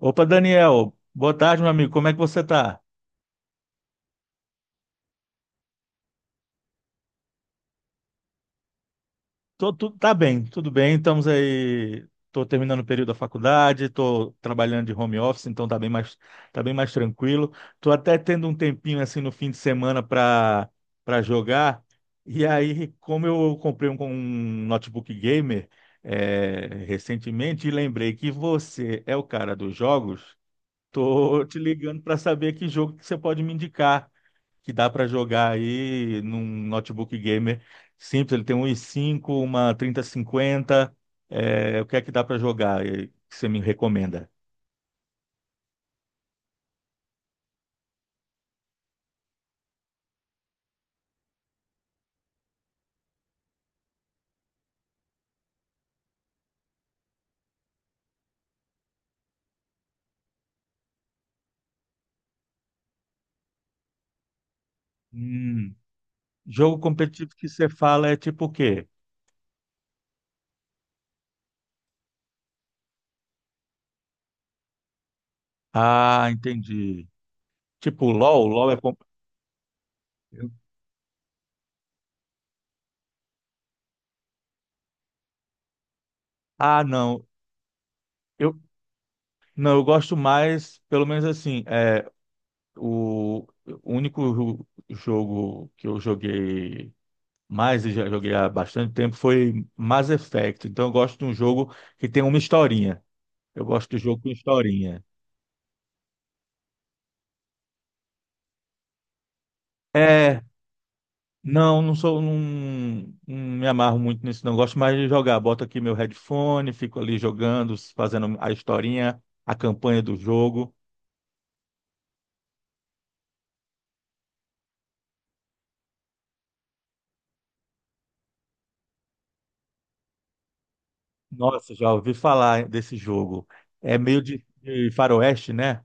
Opa, Daniel. Boa tarde, meu amigo. Como é que você tá? Tá bem, tudo bem. Estamos aí. Tô terminando o período da faculdade, tô trabalhando de home office, então tá bem mais tranquilo. Tô até tendo um tempinho assim no fim de semana para jogar. E aí, como eu comprei um notebook gamer recentemente e lembrei que você é o cara dos jogos, tô te ligando para saber que jogo que você pode me indicar. Que dá para jogar aí num notebook gamer simples. Ele tem um i5, uma 3050. É, o que é que dá para jogar que você me recomenda? Hum, jogo competitivo que você fala é tipo o quê? Ah, entendi. Tipo LOL, Ah, não. Eu Não, eu gosto mais, pelo menos assim, é o o jogo que eu joguei, mas eu já joguei há bastante tempo, foi Mass Effect. Então eu gosto de um jogo que tem uma historinha. Eu gosto de jogo com historinha. É, não, não sou, não, não me amarro muito nisso, não. Gosto mais de jogar. Boto aqui meu headphone, fico ali jogando, fazendo a historinha, a campanha do jogo. Nossa, já ouvi falar desse jogo. É meio de faroeste, né?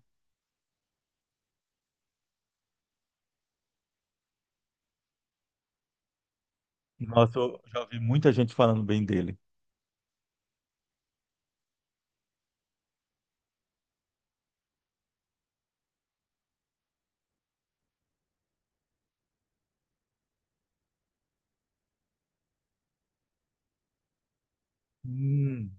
Nossa, eu já ouvi muita gente falando bem dele. Hum,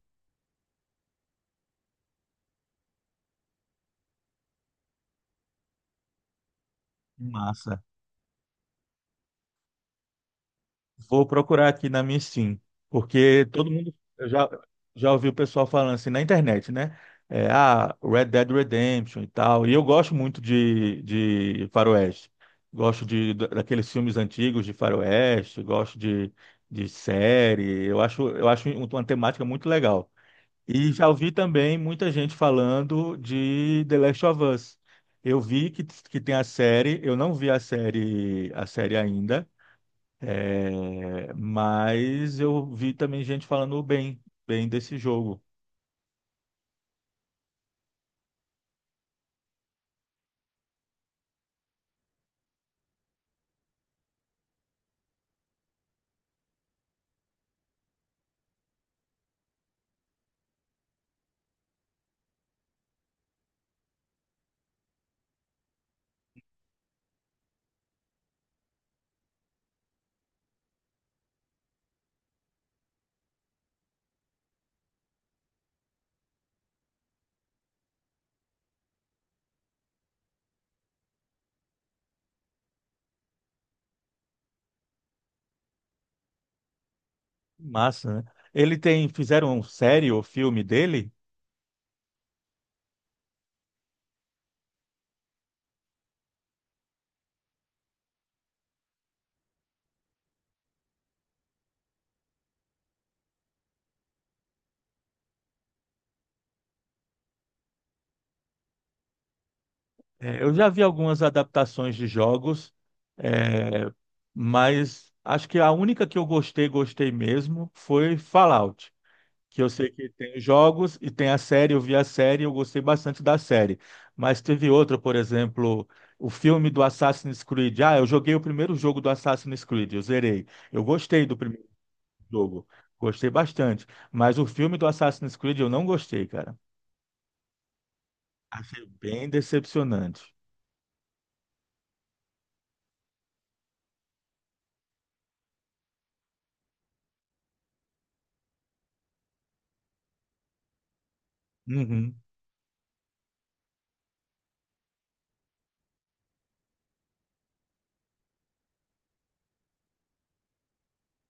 que massa. Vou procurar aqui na minha Steam, porque todo mundo eu já já ouviu o pessoal falando assim na internet, né? É, ah, Red Dead Redemption e tal. E eu gosto muito de faroeste. Gosto daqueles filmes antigos de faroeste, gosto de série. Eu acho uma temática muito legal. E já ouvi também muita gente falando de The Last of Us. Eu vi que tem a série, eu não vi a série ainda. É, mas eu vi também gente falando bem, bem desse jogo. Massa, né? Ele tem, fizeram série ou filme dele? É, eu já vi algumas adaptações de jogos, é, mas acho que a única que eu gostei, gostei mesmo, foi Fallout. Que eu sei que tem os jogos e tem a série, eu vi a série, eu gostei bastante da série. Mas teve outra, por exemplo, o filme do Assassin's Creed. Ah, eu joguei o primeiro jogo do Assassin's Creed, eu zerei. Eu gostei do primeiro jogo, gostei bastante. Mas o filme do Assassin's Creed eu não gostei, cara. Achei bem decepcionante. Uhum.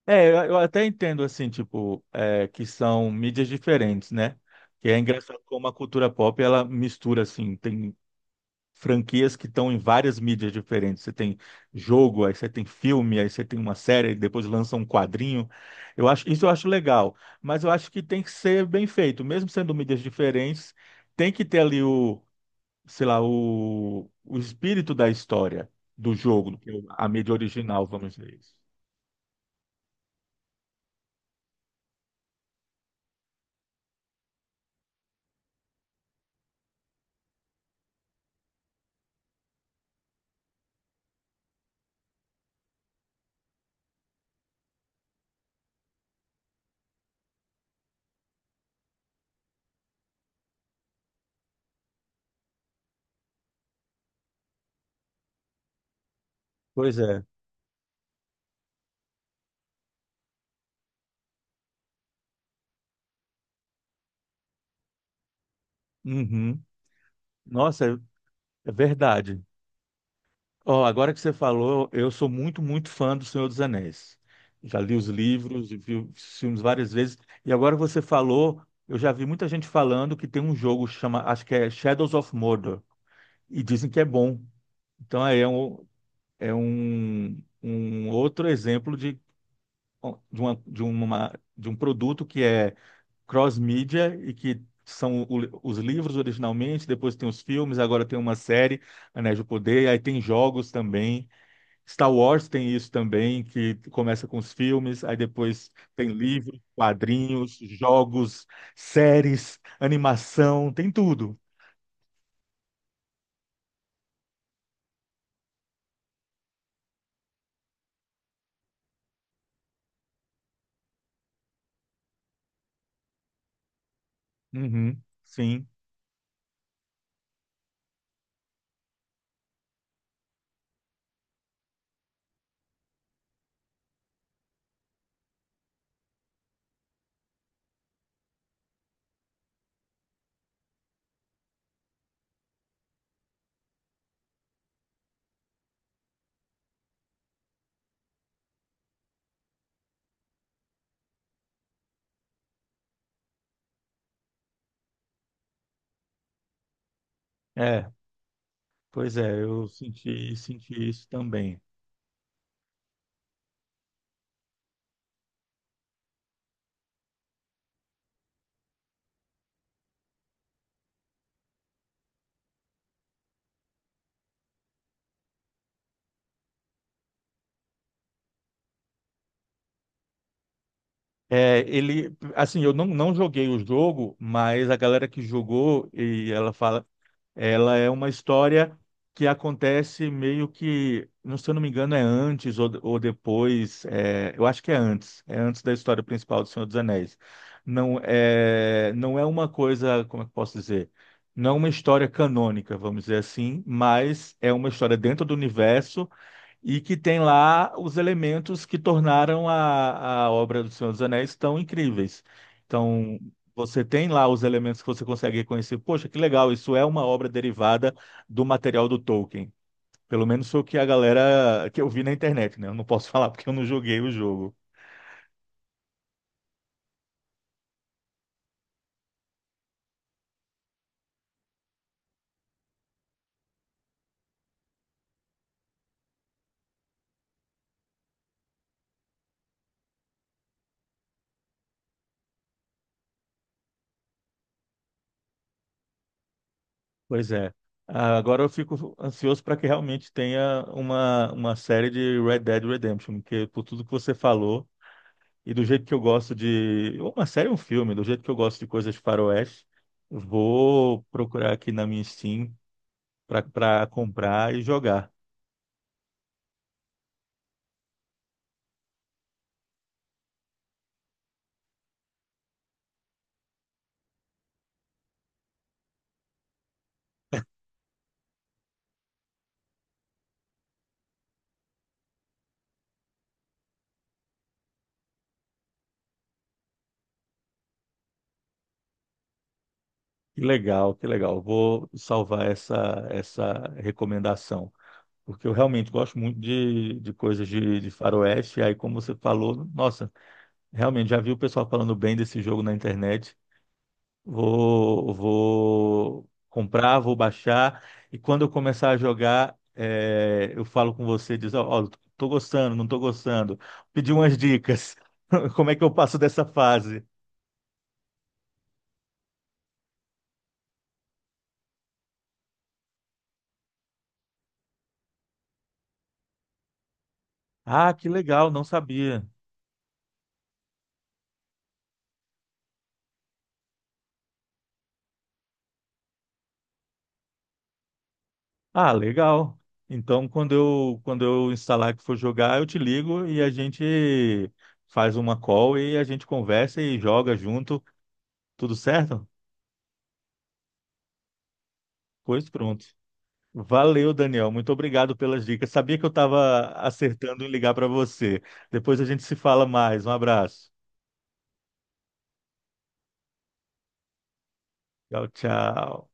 É, eu até entendo, assim, tipo, é, que são mídias diferentes, né? Que é engraçado como a cultura pop, ela mistura, assim, tem franquias que estão em várias mídias diferentes. Você tem jogo, aí você tem filme, aí você tem uma série, depois lança um quadrinho. Eu acho, isso eu acho legal, mas eu acho que tem que ser bem feito, mesmo sendo mídias diferentes, tem que ter ali sei lá, o espírito da história do jogo, do que é a mídia original, vamos dizer isso. Pois é. Uhum. Nossa, é verdade. Ó, agora que você falou, eu sou muito, muito fã do Senhor dos Anéis. Já li os livros e vi os filmes várias vezes. E agora que você falou, eu já vi muita gente falando que tem um jogo que chama, acho que é Shadows of Mordor, e dizem que é bom. Então aí é um, um outro exemplo de um produto que é cross-mídia e que são os livros originalmente, depois tem os filmes, agora tem uma série, Anéis do Poder, aí tem jogos também. Star Wars tem isso também, que começa com os filmes, aí depois tem livros, quadrinhos, jogos, séries, animação, tem tudo. Uhum, sim, é, pois é, eu senti, senti isso também. É, ele, assim, eu não, não joguei o jogo, mas a galera que jogou, e ela fala. Ela é uma história que acontece meio que, não se eu não me engano, é antes ou depois. É, eu acho que é antes. É antes da história principal do Senhor dos Anéis. Não é uma coisa, como é que eu posso dizer? Não é uma história canônica, vamos dizer assim, mas é uma história dentro do universo e que tem lá os elementos que tornaram a obra do Senhor dos Anéis tão incríveis. Então, você tem lá os elementos que você consegue reconhecer. Poxa, que legal, isso é uma obra derivada do material do Tolkien. Pelo menos foi o que a galera que eu vi na internet, né? Eu não posso falar porque eu não joguei o jogo. Pois é. Ah, agora eu fico ansioso para que realmente tenha uma série de Red Dead Redemption, porque por tudo que você falou, e do jeito que eu gosto de ou uma série ou um filme, do jeito que eu gosto de coisas de faroeste, vou procurar aqui na minha Steam para comprar e jogar. Que legal, que legal. Vou salvar essa recomendação, porque eu realmente gosto muito de coisas de faroeste. E aí, como você falou, nossa, realmente já vi o pessoal falando bem desse jogo na internet. Vou comprar, vou baixar, e quando eu começar a jogar, é, eu falo com você, diz, ó, ó, tô gostando, não tô gostando. Pedi umas dicas. Como é que eu passo dessa fase? Ah, que legal, não sabia. Ah, legal. Então, quando eu instalar que for jogar, eu te ligo e a gente faz uma call e a gente conversa e joga junto. Tudo certo? Pois pronto. Valeu, Daniel. Muito obrigado pelas dicas. Sabia que eu estava acertando em ligar para você. Depois a gente se fala mais. Um abraço. Tchau, tchau.